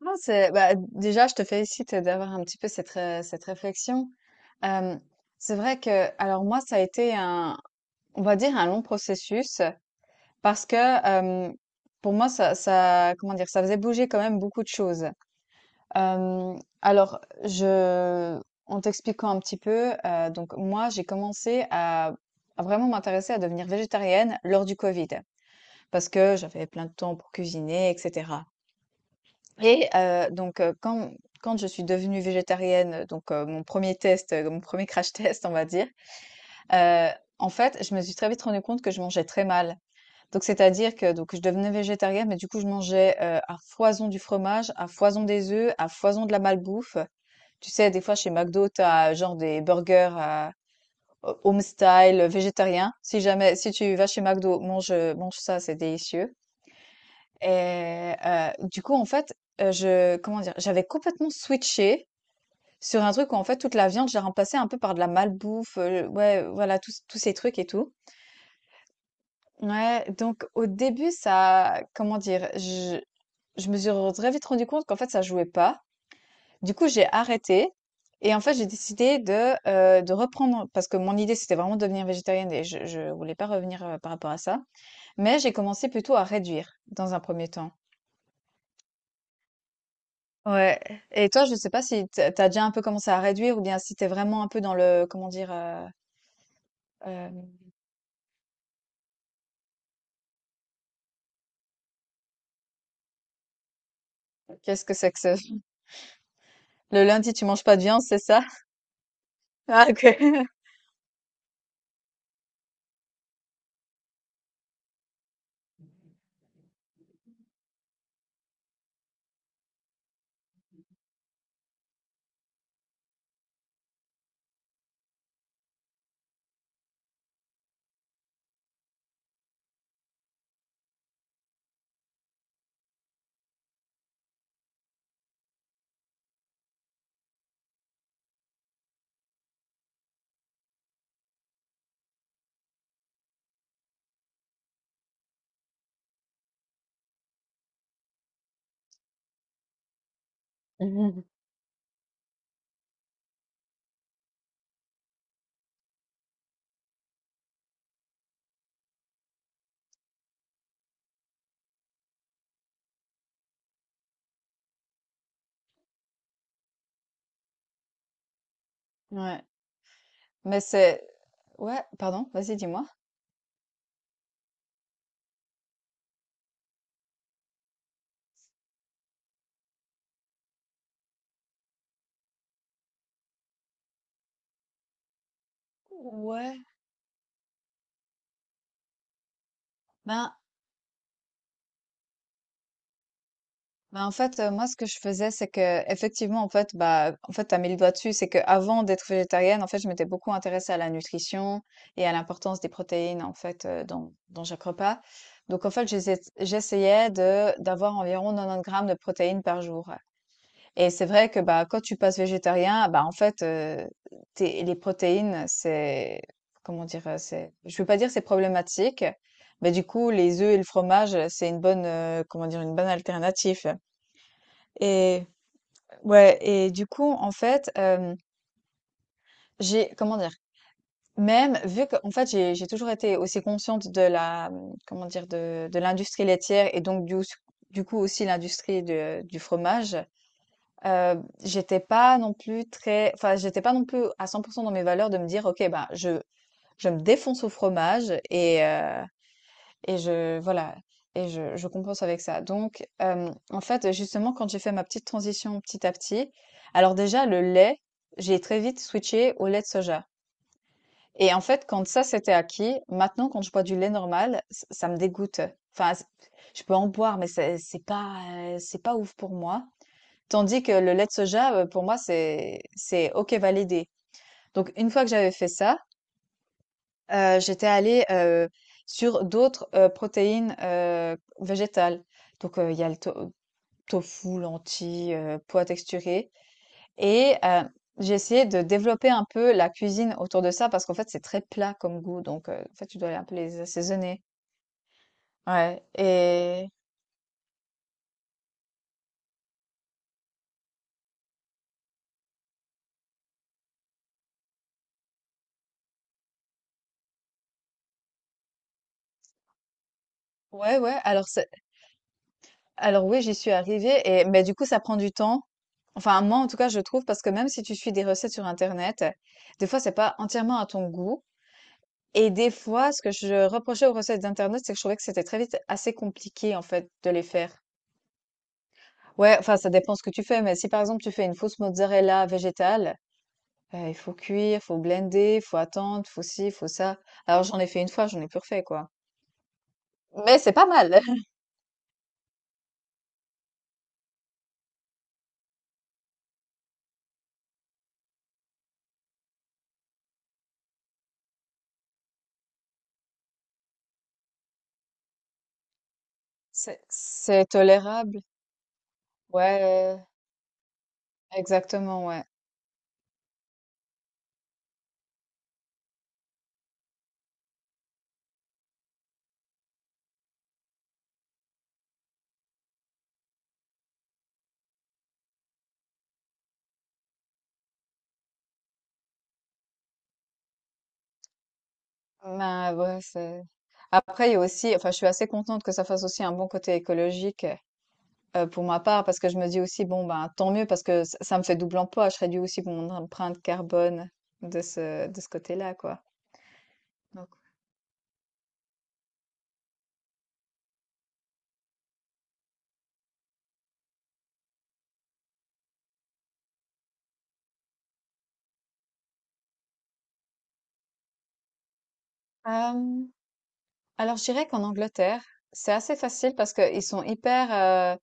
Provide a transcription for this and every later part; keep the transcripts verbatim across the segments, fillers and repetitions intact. Non, c'est bah, déjà, je te félicite d'avoir un petit peu cette, ré- cette réflexion. Euh, c'est vrai que, alors moi, ça a été un, on va dire, un long processus parce que euh, pour moi, ça, ça, comment dire, ça faisait bouger quand même beaucoup de choses. Euh, alors, je, En t'expliquant un petit peu, euh, donc moi, j'ai commencé à, à vraiment m'intéresser à devenir végétarienne lors du Covid parce que j'avais plein de temps pour cuisiner, et cetera. Et heu, donc heu, quand quand je suis devenue végétarienne, donc heu, mon premier test, heu, mon premier crash test, on va dire, heu, en fait, je me suis très vite rendue compte que je mangeais très mal. Donc c'est-à-dire que donc je devenais végétarienne, mais du coup, je mangeais, heu, à foison du fromage, à foison des œufs, à foison de la malbouffe. Tu sais, des fois, chez McDo, t'as as genre des burgers à ho home style, euh, végétarien. Si jamais si tu vas chez McDo, mange, mange ça, c'est délicieux. Et heu, du coup, en fait, heu, je comment dire? J'avais complètement switché sur un truc où, en fait, toute la viande, j'ai remplacé un peu par de la malbouffe, heu, ouais, voilà, tous tous ces trucs et tout. Ouais, donc au début, ça comment dire? Je je me suis très vite rendu compte qu'en fait, ça jouait pas. Du coup, j'ai arrêté et en fait, j'ai décidé de, heu, de reprendre parce que mon idée, c'était vraiment de devenir végétarienne et je je voulais pas revenir, heu, par rapport à ça. Mais j'ai commencé plutôt à réduire dans un premier temps. Ouais. Et toi, je sais pas si tu as déjà un peu commencé à réduire ou bien si t'es vraiment un peu dans le, comment dire, euh, euh, qu'est-ce que c'est que ce... Le lundi, tu manges pas de viande, c'est ça? Ah, ok. Ouais. Mais c'est... Ouais, pardon, vas-y, dis-moi. Ouais. Ben, Bah, en fait, heu, moi, ce que je faisais, c'est que effectivement, en fait, bah, en fait, tu as mis le doigt dessus, c'est que avant d'être végétarienne, en fait, je m'étais beaucoup intéressée à la nutrition et à l'importance des protéines, en fait, heu, dans dans chaque repas. Donc en fait, j'essai j'essayais de d'avoir environ quatre-vingt-dix grammes de protéines par jour et c'est vrai que, bah, quand tu passes végétarien, bah, en fait, heu, tu les protéines, c'est comment dire? Heu, c'est je veux pas dire c'est problématique, mais du coup, les œufs et le fromage, c'est une bonne, heu, comment dire? Une bonne alternative. Et ouais, et du coup, en fait, euh, j'ai, comment dire, même vu que, en fait, j'ai, j'ai toujours été aussi consciente de la, comment dire, de, de l'industrie laitière et donc du, du coup aussi l'industrie de- du fromage, euh, j'étais pas non plus très, enfin, j'étais pas non plus à cent pour cent dans mes valeurs de me dire, OK, bah, je, je me défonce au fromage et, euh, et je voilà et je je compense avec ça. Donc hem, en fait, justement, quand j'ai fait ma petite transition petit à petit, alors déjà le lait, j'ai très vite switché au lait de soja et en fait, quand ça, c'était acquis, maintenant quand je bois du lait normal, ç ça me dégoûte. Enfin, c Je peux en boire, mais c'est c'est pas, heu, c'est pas ouf pour moi. Tandis que le lait de soja, heu, pour moi, c'est c'est OK validé. Donc une fois que j'avais fait ça, Heu, j'étais allée, heu, sur d'autres, heu, protéines, heu, végétales. Donc, heu, il y a le to euh, tofu, lentilles, heu, pois texturés et heu, j'ai essayé de développer un peu la cuisine autour de ça parce qu'en fait, c'est très plat comme goût donc, heu, en fait, tu dois aller un peu les assaisonner. Ouais et ouais, ouais, alors c'est alors oui, j'y suis arrivée et mais du coup, ça prend du temps. Enfin, moi, en tout cas, je trouve parce que même si tu suis des recettes sur internet, des fois, c'est pas entièrement à ton goût. Et des fois, ce que je reprochais aux recettes d'internet, c'est que je trouvais que c'était très vite assez compliqué, en fait, de les faire. Ouais, enfin, ça dépend ce que tu fais, mais si, par exemple, tu fais une fausse mozzarella végétale, heu, il faut cuire, faut blender, faut attendre, faut ci, faut ça. Alors j'en ai fait une fois, j'en ai plus refait, quoi. Mais c'est pas mal. C'est c'est tolérable. Ouais, exactement, ouais. Ben, ouais, c'est après, il y a aussi, enfin, je suis assez contente que ça fasse aussi un bon côté écologique. Euh, pour ma part, parce que je me dis aussi, bon, ben, tant mieux, parce que ça, ça me fait double emploi, je réduis aussi mon empreinte carbone de ce, de ce côté-là, quoi. Donc, euh, alors, je dirais qu'en Angleterre, c'est assez facile parce qu'ils sont hyper euh,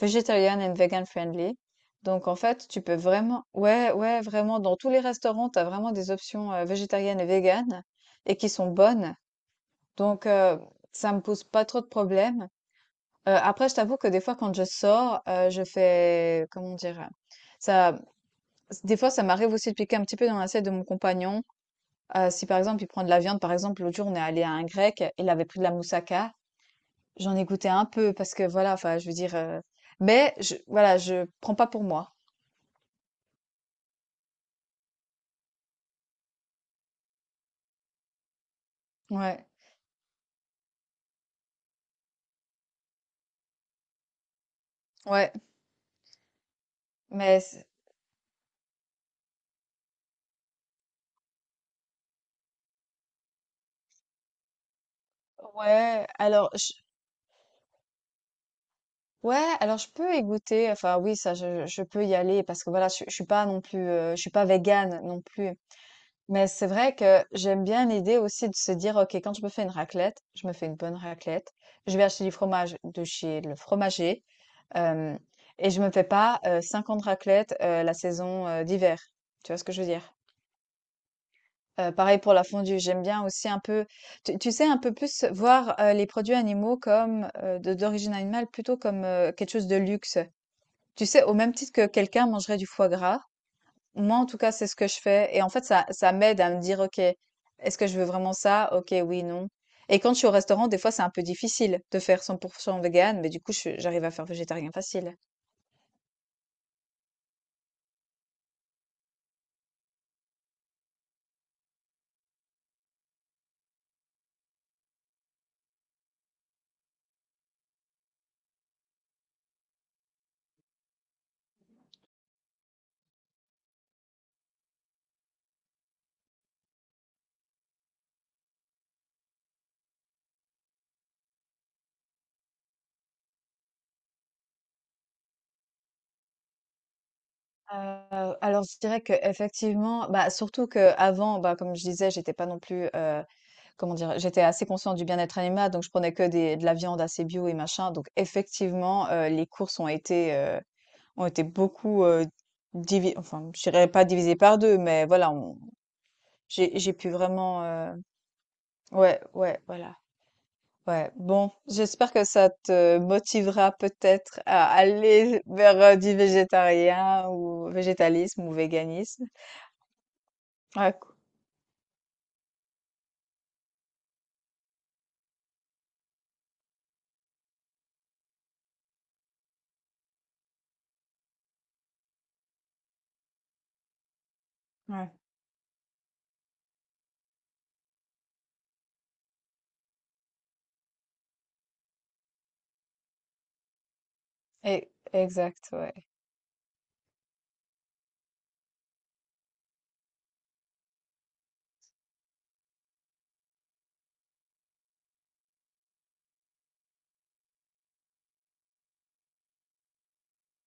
vegetarian and vegan friendly. Donc, en fait, tu peux vraiment, ouais, ouais, vraiment, dans tous les restaurants, tu as vraiment des options euh, végétariennes et véganes et qui sont bonnes. Donc, euh, ça me pose pas trop de problèmes. Heu, après je t'avoue que des fois quand je sors, heu, je fais comment dire? Ça des fois ça m'arrive aussi de piquer un petit peu dans l'assiette de mon compagnon. Heu, si par exemple il prend de la viande, par exemple l'autre jour on est allés à un grec, il avait pris de la moussaka. J'en ai goûté un peu parce que voilà, enfin je veux dire, heu, mais je voilà, je prends pas pour moi. Ouais, ouais, mais c ouais, alors je ouais, alors je peux y goûter, enfin oui ça je je peux y aller parce que voilà je suis je suis pas non plus, heu, je suis pas végane non plus. Mais c'est vrai que j'aime bien l'idée aussi de se dire: «OK, quand je me fais une raclette, je me fais une bonne raclette. Je vais acheter du fromage de chez le fromager, hem et je me fais pas, heu, cinquante raclettes, heu, la saison, heu, d'hiver». Tu vois ce que je veux dire? Heu, pareil pour la fondue, j'aime bien aussi un peu tu tu sais, un peu plus voir, heu, les produits animaux comme, heu, de d'origine animale plutôt comme, heu, quelque chose de luxe. Tu sais, au même titre que quelqu'un mangerait du foie gras, moi, en tout cas, c'est ce que je fais. Et en fait, ça, ça m'aide à me dire, OK, est-ce que je veux vraiment ça? OK, oui, non. Et quand je suis au restaurant, des fois, c'est un peu difficile de faire cent pour cent vegan, mais du coup, je- j'arrive à faire végétarien facile. Heu, alors je dirais qu'effectivement, bah, surtout qu'avant, bah, comme je disais, j'étais pas non plus, heu, comment dire? J'étais assez consciente du bien-être animal, donc je prenais que des de la viande assez bio et machin, donc effectivement, heu, les courses ont été, heu, ont été beaucoup, heu, divi enfin, je dirais pas divisées par deux, mais voilà, on j'ai j'ai pu vraiment, heu ouais, ouais, voilà, ouais. Bon, j'espère que ça te motivera peut-être à aller vers, heu, du végétarien ou végétalisme ou véganisme. Ouais, cool. Ouais, et exact, ouais.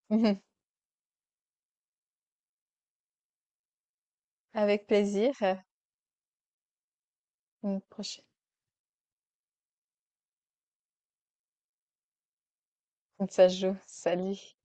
Avec plaisir. À Une prochaine. Ça se joue. Salut.